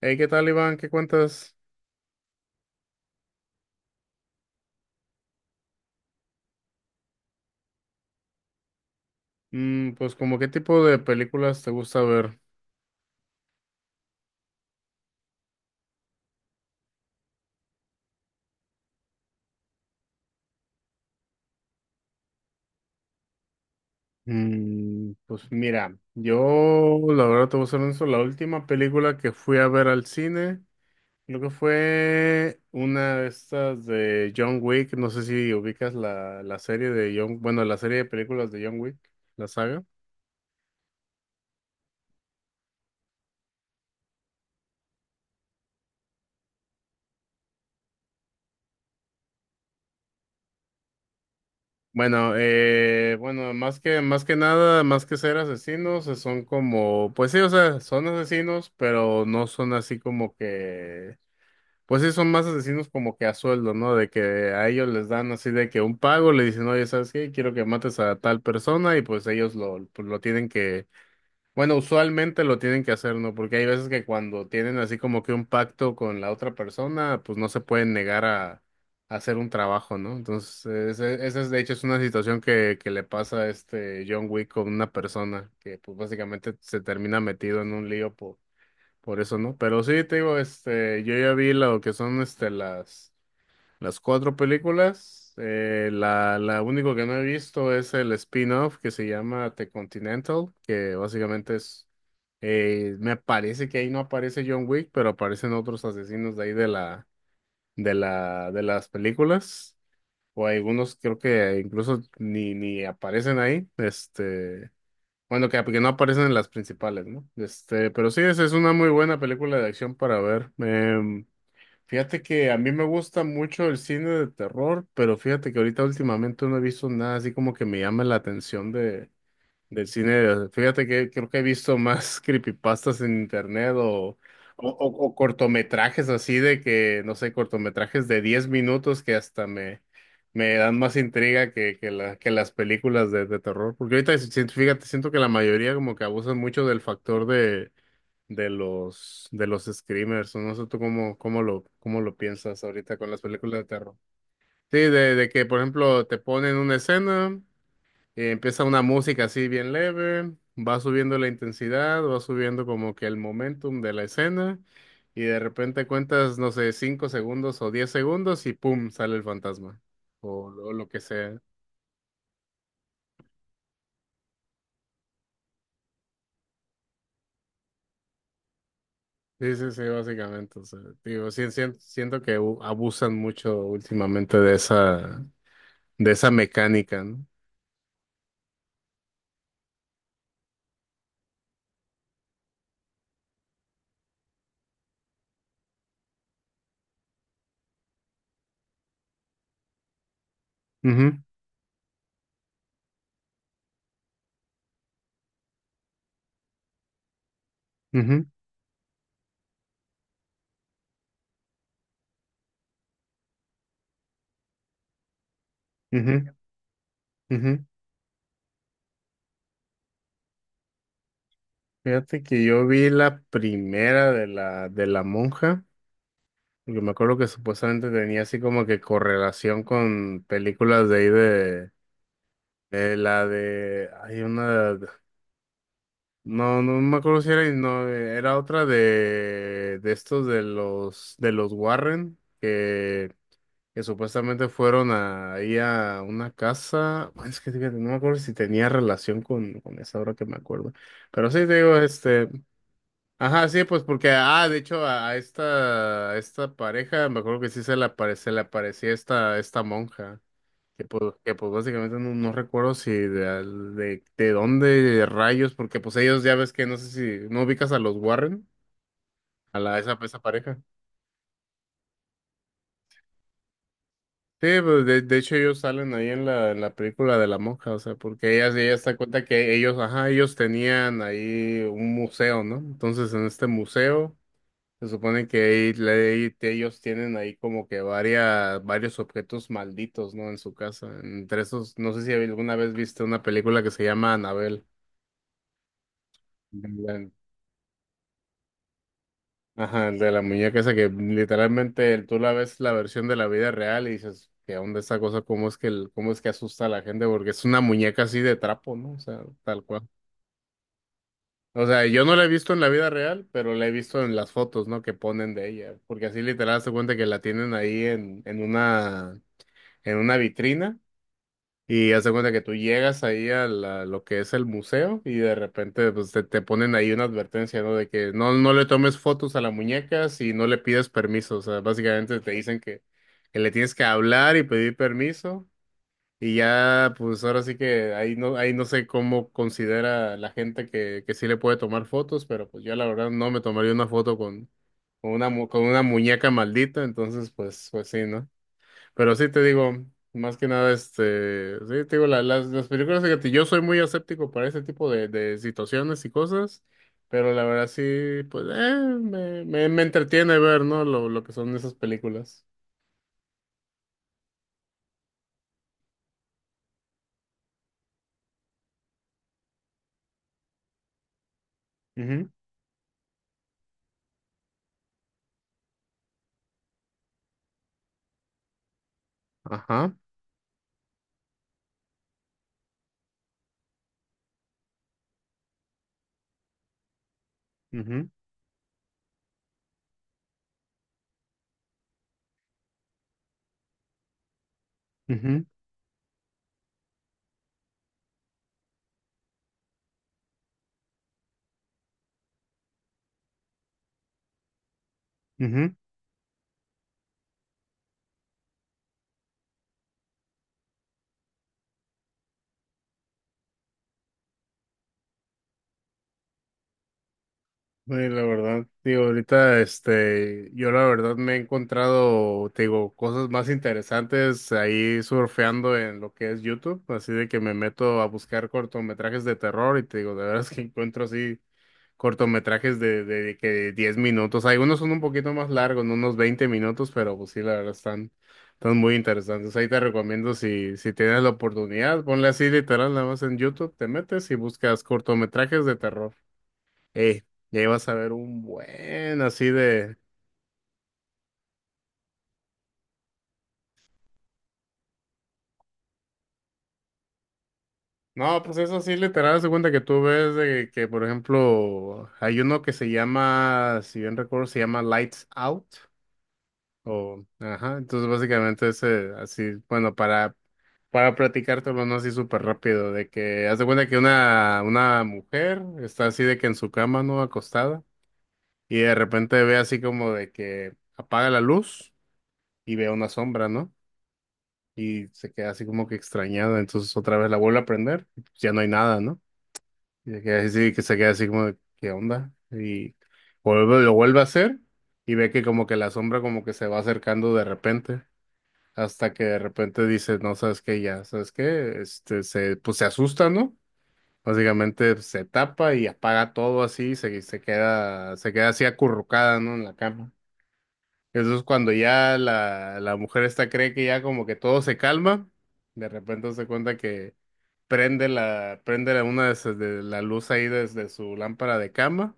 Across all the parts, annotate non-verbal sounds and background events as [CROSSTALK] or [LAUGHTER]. Hey, ¿qué tal, Iván? ¿Qué cuentas? Pues, ¿como qué tipo de películas te gusta ver? Pues mira, yo la verdad te voy a ser honesto, la última película que fui a ver al cine, creo que fue una de estas de John Wick, no sé si ubicas la serie de John, bueno, la serie de películas de John Wick, la saga. Bueno, bueno, más que nada, más que ser asesinos, son como, pues sí, o sea, son asesinos, pero no son así como que. Pues sí, son más asesinos como que a sueldo, ¿no? De que a ellos les dan así de que un pago, le dicen, oye, ¿sabes qué? Quiero que mates a tal persona y pues ellos lo, pues, lo tienen que, bueno, usualmente lo tienen que hacer, ¿no? Porque hay veces que cuando tienen así como que un pacto con la otra persona, pues no se pueden negar a hacer un trabajo, ¿no? Entonces, esa es, de hecho, es una situación que le pasa a este John Wick con una persona que pues básicamente se termina metido en un lío por eso no, pero sí te digo, este, yo ya vi lo que son este las cuatro películas. La único que no he visto es el spin-off que se llama The Continental, que básicamente es me parece que ahí no aparece John Wick, pero aparecen otros asesinos de ahí de la de las películas o algunos creo que incluso ni aparecen ahí. Este bueno, que no aparecen en las principales, ¿no? Este, pero sí, esa es una muy buena película de acción para ver. Fíjate que a mí me gusta mucho el cine de terror, pero fíjate que ahorita últimamente no he visto nada así como que me llame la atención de del cine, fíjate que creo que he visto más [LAUGHS] creepypastas en internet o cortometrajes así de que, no sé, cortometrajes de 10 minutos que hasta me dan más intriga que las películas de terror. Porque ahorita, fíjate, siento que la mayoría como que abusan mucho del factor de, de los screamers. O No sé tú cómo, cómo lo piensas ahorita con las películas de terror. Sí, de que, por ejemplo, te ponen una escena. Empieza una música así bien leve, va subiendo la intensidad, va subiendo como que el momentum de la escena y de repente cuentas, no sé, 5 segundos o 10 segundos y ¡pum! Sale el fantasma o lo que sea. Sí, sí, sí, básicamente. O sea, digo, sí, siento que abusan mucho últimamente de esa mecánica, ¿no? Ujú, ujú, ujú, ujú. Fíjate que yo vi la primera de la monja. Yo me acuerdo que supuestamente tenía así como que correlación con películas de ahí de la de, hay una, no, no me acuerdo si era, no, era otra de estos de los Warren, que supuestamente fueron a, ahí a una casa, bueno, es que fíjate, no me acuerdo si tenía relación con esa ahora que me acuerdo, pero sí te digo, este. Ajá, sí, pues porque, ah, de hecho, a esta pareja, me acuerdo que sí se le, apare, se le aparecía esta, esta monja, que pues básicamente no, no recuerdo si de, de dónde rayos, porque pues ellos ya ves que no sé si, ¿no ubicas a los Warren? A la, esa pareja. Sí, pues de hecho ellos salen ahí en en la película de la monja, o sea, porque ella se da cuenta que ellos, ajá, ellos tenían ahí un museo, ¿no? Entonces en este museo… Se supone que ahí le- ahí te- ellos tienen ahí como que varios objetos malditos, ¿no? En su casa. Entre esos, no sé si alguna vez viste una película que se llama Anabel. La- Ajá, el de la muñeca esa que literalmente tú la ves la versión de la vida real y dices, ¿qué onda esa cosa? ¿Cómo es que, cómo es que asusta a la gente? Porque es una muñeca así de trapo, ¿no? O sea, tal cual. O sea, yo no la he visto en la vida real, pero la he visto en las fotos, ¿no? Que ponen de ella. Porque así literal se cuenta que la tienen ahí en una, en una vitrina y haz de cuenta que tú llegas ahí a lo que es el museo y de repente pues, te ponen ahí una advertencia, ¿no? De que no, no le tomes fotos a la muñeca si no le pides permiso. O sea, básicamente te dicen que le tienes que hablar y pedir permiso. Y ya, pues ahora sí que ahí no sé cómo considera la gente que sí le puede tomar fotos, pero pues yo la verdad no me tomaría una foto con una, con una muñeca maldita, entonces pues, pues sí, ¿no? Pero sí te digo, más que nada, este, sí te digo, las películas, fíjate, yo soy muy escéptico para ese tipo de situaciones y cosas, pero la verdad sí, pues, me entretiene ver, ¿no? Lo que son esas películas. Ujú, ajá, ujú, ujú, ujú. Sí, la verdad, digo, ahorita, este, yo la verdad me he encontrado, te digo, cosas más interesantes ahí surfeando en lo que es YouTube, así de que me meto a buscar cortometrajes de terror y te digo, de veras [LAUGHS] que encuentro así cortometrajes de que 10 minutos, algunos son un poquito más largos, ¿no? Unos 20 minutos, pero pues sí, la verdad están, están muy interesantes. Ahí te recomiendo si tienes la oportunidad, ponle así literal, nada más en YouTube, te metes y buscas cortometrajes de terror. Ey, ya ibas a ver un buen así de. No, pues eso sí literal, se cuenta que tú ves de que, por ejemplo, hay uno que se llama, si bien recuerdo, se llama Lights Out. O, ajá, entonces básicamente ese, así, bueno, para platicártelo, no así súper rápido, de que haz de cuenta que una mujer está así de que en su cama, ¿no? Acostada, y de repente ve así como de que apaga la luz y ve una sombra, ¿no? Y se queda así como que extrañada, entonces otra vez la vuelve a prender, y pues ya no hay nada, ¿no? Y se queda así, que se queda así como de, ¿qué onda? Y vuelve, lo vuelve a hacer y ve que como que la sombra como que se va acercando de repente, hasta que de repente dice, no, ¿sabes qué? Ya, ¿sabes qué? Este, se, pues se asusta, ¿no? Básicamente pues, se tapa y apaga todo así y se queda así acurrucada, ¿no? En la cama. Eso es cuando ya la mujer esta cree que ya como que todo se calma, de repente se cuenta que una de la luz ahí desde su lámpara de cama,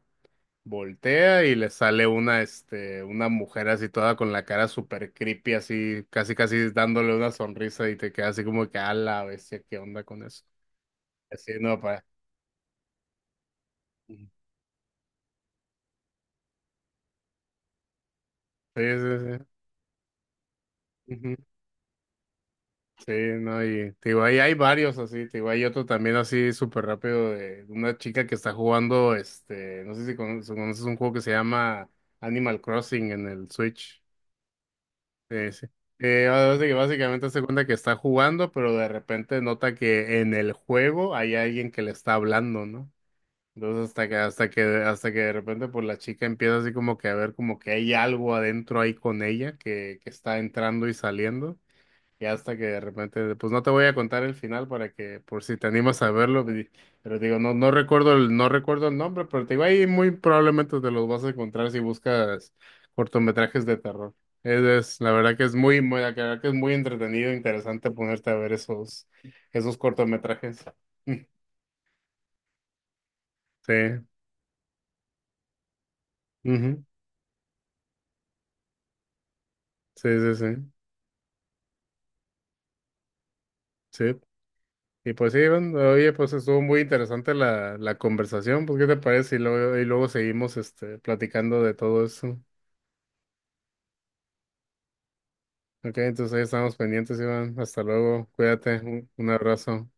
voltea y le sale una, este, una mujer así toda con la cara súper creepy, así, casi casi dándole una sonrisa y te queda así como que a la bestia, ¿qué onda con eso? Así no, para. Sí, sí, sí. Sí, no, y te digo, ahí hay varios así, te digo, hay otro también así súper rápido de una chica que está jugando, este, no sé si si conoces, un juego que se llama Animal Crossing en el Switch. Sí, sí. Así que básicamente se cuenta que está jugando, pero de repente nota que en el juego hay alguien que le está hablando, ¿no? Entonces hasta que de repente pues la chica empieza así como que a ver como que hay algo adentro ahí con ella que está entrando y saliendo. Y hasta que de repente, pues no te voy a contar el final para que, por si te animas a verlo, di- pero digo, no, no recuerdo el nombre, pero te digo, ahí muy probablemente te los vas a encontrar si buscas cortometrajes de terror. La verdad que es muy, muy, la verdad que es muy entretenido, interesante ponerte a ver esos, esos cortometrajes. [LAUGHS] Sí, ujú, sí, sí, sí, sí. Y pues sí, Iván, oye, pues estuvo muy interesante la conversación, pues ¿qué te parece? Y luego seguimos este, platicando de todo eso. Ok, entonces ahí estamos pendientes, Iván. Hasta luego. Cuídate. Un abrazo.